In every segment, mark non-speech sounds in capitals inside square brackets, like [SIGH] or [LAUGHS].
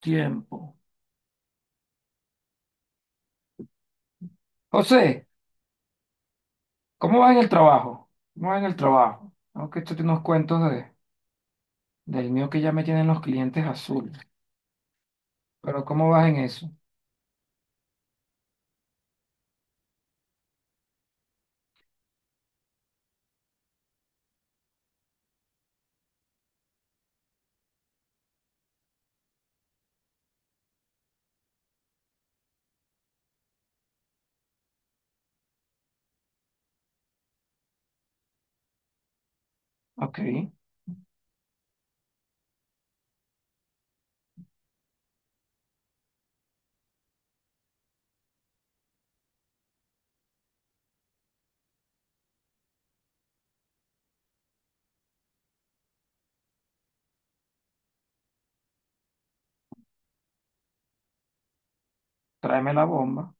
Tiempo. José, ¿cómo va en el trabajo? ¿Cómo va en el trabajo? Aunque esto tiene unos cuentos de, del mío que ya me tienen los clientes azules. Pero ¿cómo vas en eso? Ok, tráeme la bomba.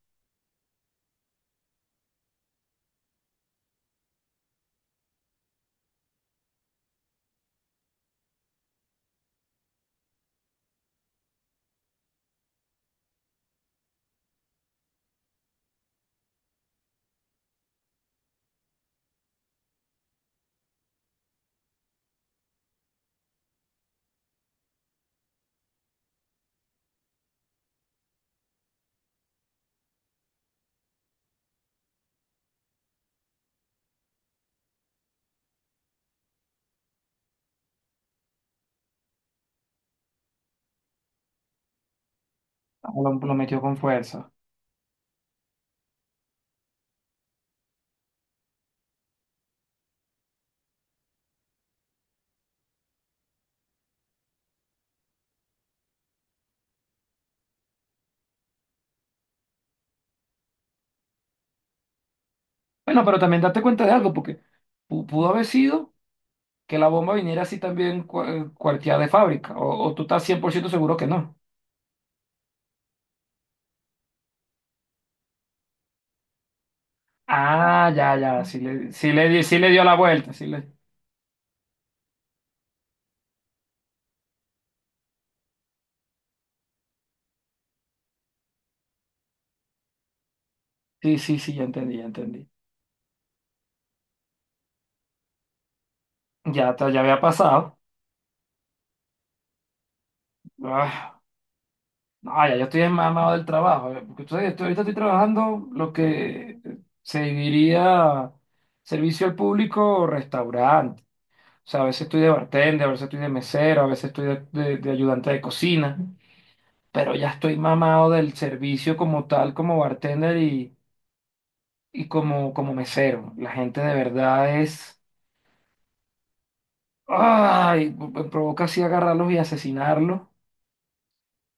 Ah, lo metió con fuerza. Bueno, pero también date cuenta de algo, porque pudo haber sido que la bomba viniera así también cuarteada de fábrica. O tú estás 100% seguro que no. Ah, ya, ya, sí le, sí le, sí le dio la vuelta. Sí, le, sí, sí, sí, ya entendí, ya entendí. Ya, ya había pasado. Ah. No, ya yo estoy enmamado del trabajo. Porque ustedes, ahorita estoy trabajando lo que se diría servicio al público o restaurante. O sea, a veces estoy de bartender, a veces estoy de mesero, a veces estoy de, de ayudante de cocina. Pero ya estoy mamado del servicio como tal, como bartender y como, como mesero. La gente de verdad es... ¡Ay! Me provoca así agarrarlos y asesinarlos.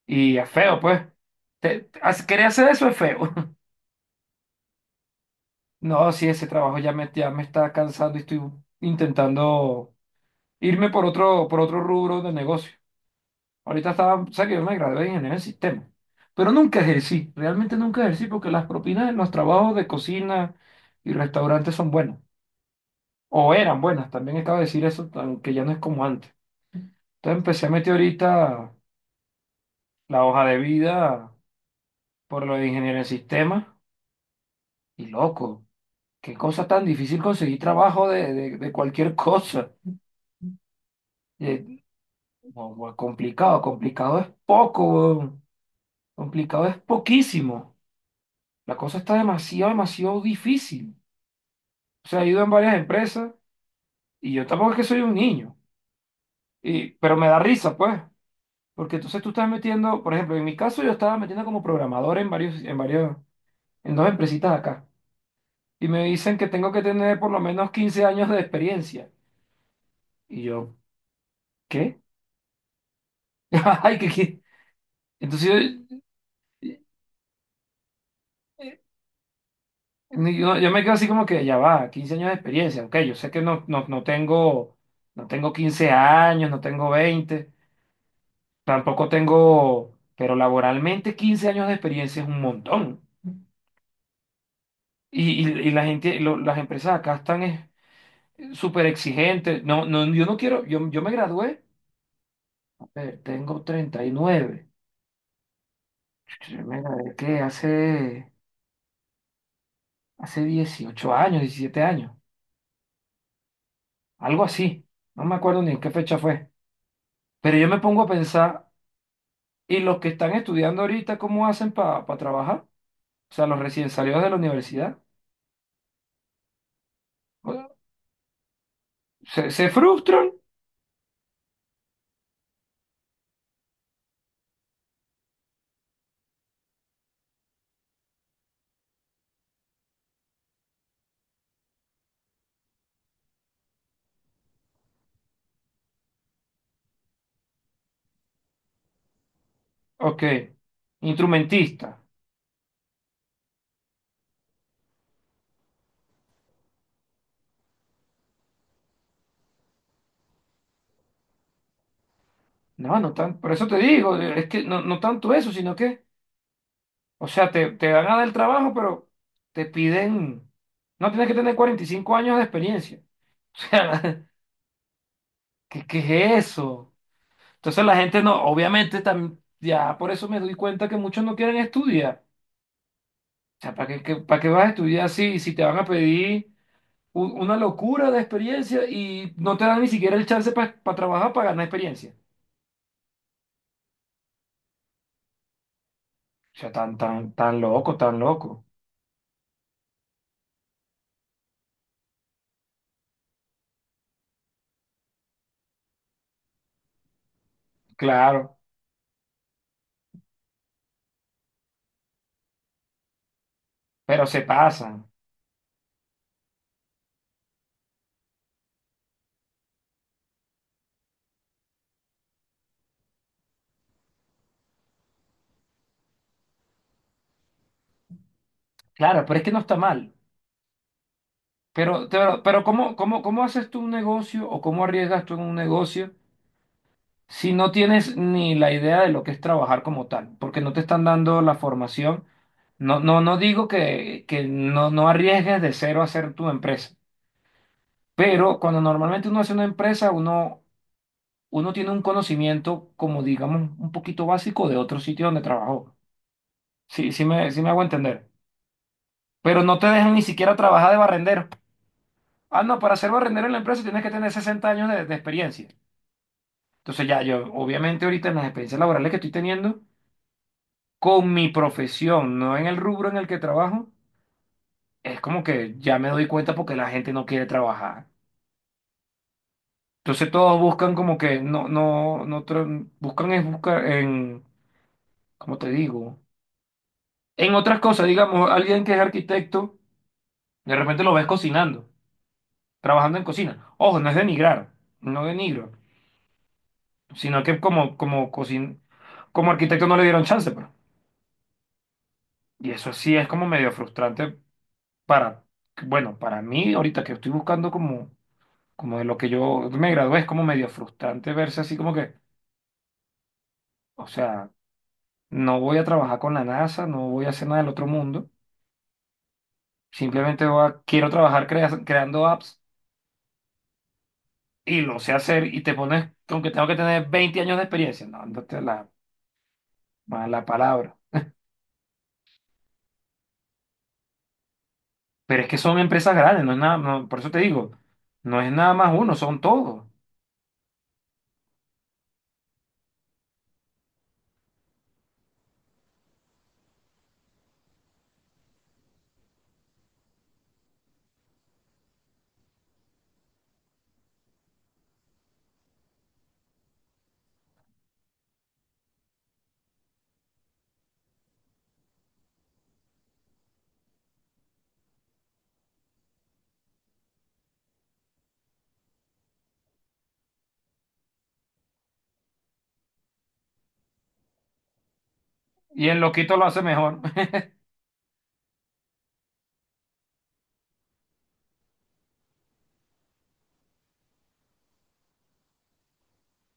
Y es feo, pues. Querer hacer eso es feo. No, sí, ese trabajo ya me está cansando y estoy intentando irme por otro rubro de negocio. Ahorita estaba, o sea que yo me gradué de ingeniero en sistema, pero nunca ejercí, realmente nunca ejercí porque las propinas en los trabajos de cocina y restaurantes son buenas, o eran buenas, también acabo de decir eso, aunque ya no es como antes. Entonces empecé a meter ahorita la hoja de vida por lo de ingeniero en sistema y loco, qué cosa tan difícil conseguir trabajo de, de cualquier [LAUGHS] cosa. Eh, No, güey, complicado, complicado es poco, weón. Complicado es poquísimo. La cosa está demasiado, demasiado difícil. O sea, he ido en varias empresas y yo tampoco es que soy un niño, y, pero me da risa, pues, porque entonces tú estás metiendo, por ejemplo, en mi caso yo estaba metiendo como programador en varios, en dos empresitas de acá y me dicen que tengo que tener por lo menos 15 años de experiencia. Y yo, ¿Qué? [LAUGHS] Ay, ¿qué, qué? Entonces, yo me quedo así como que ya va, 15 años de experiencia. Ok, yo sé que no, no, no tengo, no tengo 15 años, no tengo 20 tampoco tengo, pero laboralmente 15 años de experiencia es un montón. Y la gente, las empresas acá están es, súper exigentes. No, no, yo no quiero, yo me gradué, a ver, tengo 39. Yo me gradué que hace, hace 18 años, 17 años, algo así. No me acuerdo ni en qué fecha fue. Pero yo me pongo a pensar. Y los que están estudiando ahorita, ¿cómo hacen para trabajar? O sea, los recién salidos de la universidad. Bueno, ¿se, se frustran? Ok. Instrumentista. No, no tan, por eso te digo, es que no, no tanto eso, sino que, o sea, te van a dar el trabajo, pero te piden, no tienes que tener 45 años de experiencia. [LAUGHS] O sea, ¿qué, qué es eso? Entonces la gente no, obviamente, ya por eso me doy cuenta que muchos no quieren estudiar. O sea, ¿para qué, para qué vas a estudiar si, si te van a pedir una locura de experiencia y no te dan ni siquiera el chance para trabajar, para ganar experiencia? O sea, tan, tan, tan loco, tan loco. Claro, pero se pasan. Claro, pero es que no está mal. Pero ¿cómo, cómo, cómo haces tú un negocio o cómo arriesgas tú en un negocio si no tienes ni la idea de lo que es trabajar como tal? Porque no te están dando la formación. No, no, no digo que no, no arriesgues de cero a hacer tu empresa, pero cuando normalmente uno hace una empresa, uno uno tiene un conocimiento como digamos un poquito básico de otro sitio donde trabajó. Sí, sí me hago entender. Pero no te dejan ni siquiera trabajar de barrendero. Ah, no, para ser barrendero en la empresa tienes que tener 60 años de experiencia. Entonces ya yo, obviamente ahorita en las experiencias laborales que estoy teniendo, con mi profesión, no en el rubro en el que trabajo, es como que ya me doy cuenta porque la gente no quiere trabajar. Entonces todos buscan como que no, no, no, buscan es buscar en, ¿cómo te digo? En otras cosas, digamos, alguien que es arquitecto, de repente lo ves cocinando, trabajando en cocina. Ojo, no es denigrar, no denigro, sino que como, como, cocin como arquitecto no le dieron chance, pues. Y eso sí es como medio frustrante para, bueno, para mí ahorita que estoy buscando como, como de lo que yo me gradué, es como medio frustrante verse así como que, o sea, no voy a trabajar con la NASA, no voy a hacer nada del otro mundo, simplemente quiero trabajar creando apps y lo sé hacer y te pones con que tengo que tener 20 años de experiencia. No, no te la mala palabra. Pero es que son empresas grandes, no es nada, no, por eso te digo, no es nada más uno, son todos. Y el loquito lo hace mejor.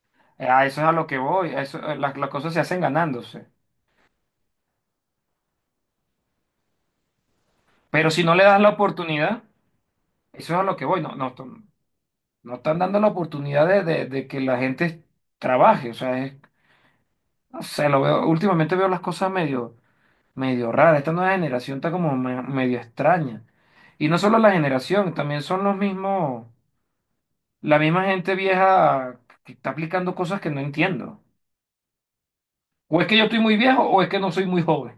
[LAUGHS] A eso es a lo que voy, a eso, las cosas se hacen ganándose. Pero si no le das la oportunidad, eso es a lo que voy, no, no, no están dando la oportunidad de, de que la gente trabaje. O sea, no sé, lo veo, últimamente veo las cosas medio. Medio rara. Esta nueva generación está como medio extraña. Y no solo la generación, también son los mismos, la misma gente vieja que está aplicando cosas que no entiendo. O es que yo estoy muy viejo o es que no soy muy joven.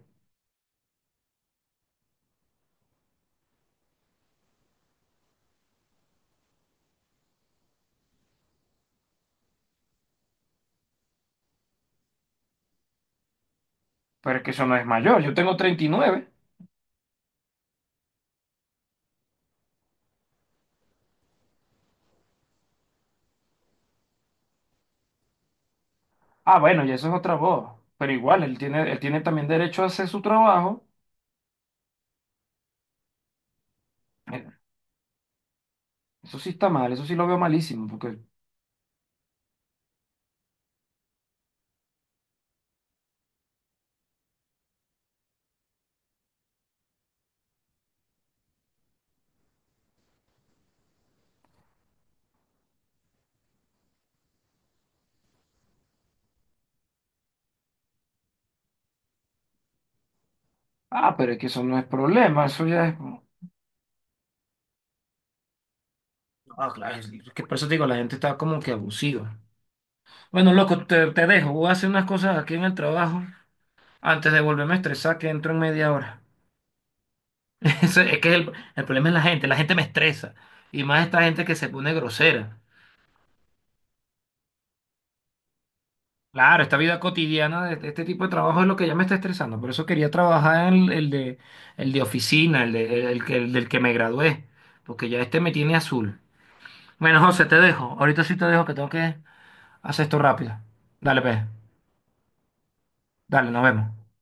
Pero es que eso no es mayor, yo tengo 39. Ah, bueno, ya eso es otra voz. Pero igual, él tiene también derecho a hacer su trabajo. Eh, Eso sí está mal, eso sí lo veo malísimo, porque, ah, pero es que eso no es problema, eso ya es... Ah, claro, es que por eso te digo, la gente está como que abusiva. Bueno, loco, te dejo. Voy a hacer unas cosas aquí en el trabajo antes de volverme a estresar, que entro en media hora. [LAUGHS] Eso es que el problema es la gente. La gente me estresa. Y más esta gente que se pone grosera. Claro, esta vida cotidiana de este este tipo de trabajo es lo que ya me está estresando. Por eso quería trabajar en el de oficina, el, de, el, el del que me gradué. Porque ya este me tiene azul. Bueno, José, te dejo. Ahorita sí te dejo que tengo que hacer esto rápido. Dale, pues. Dale, nos vemos.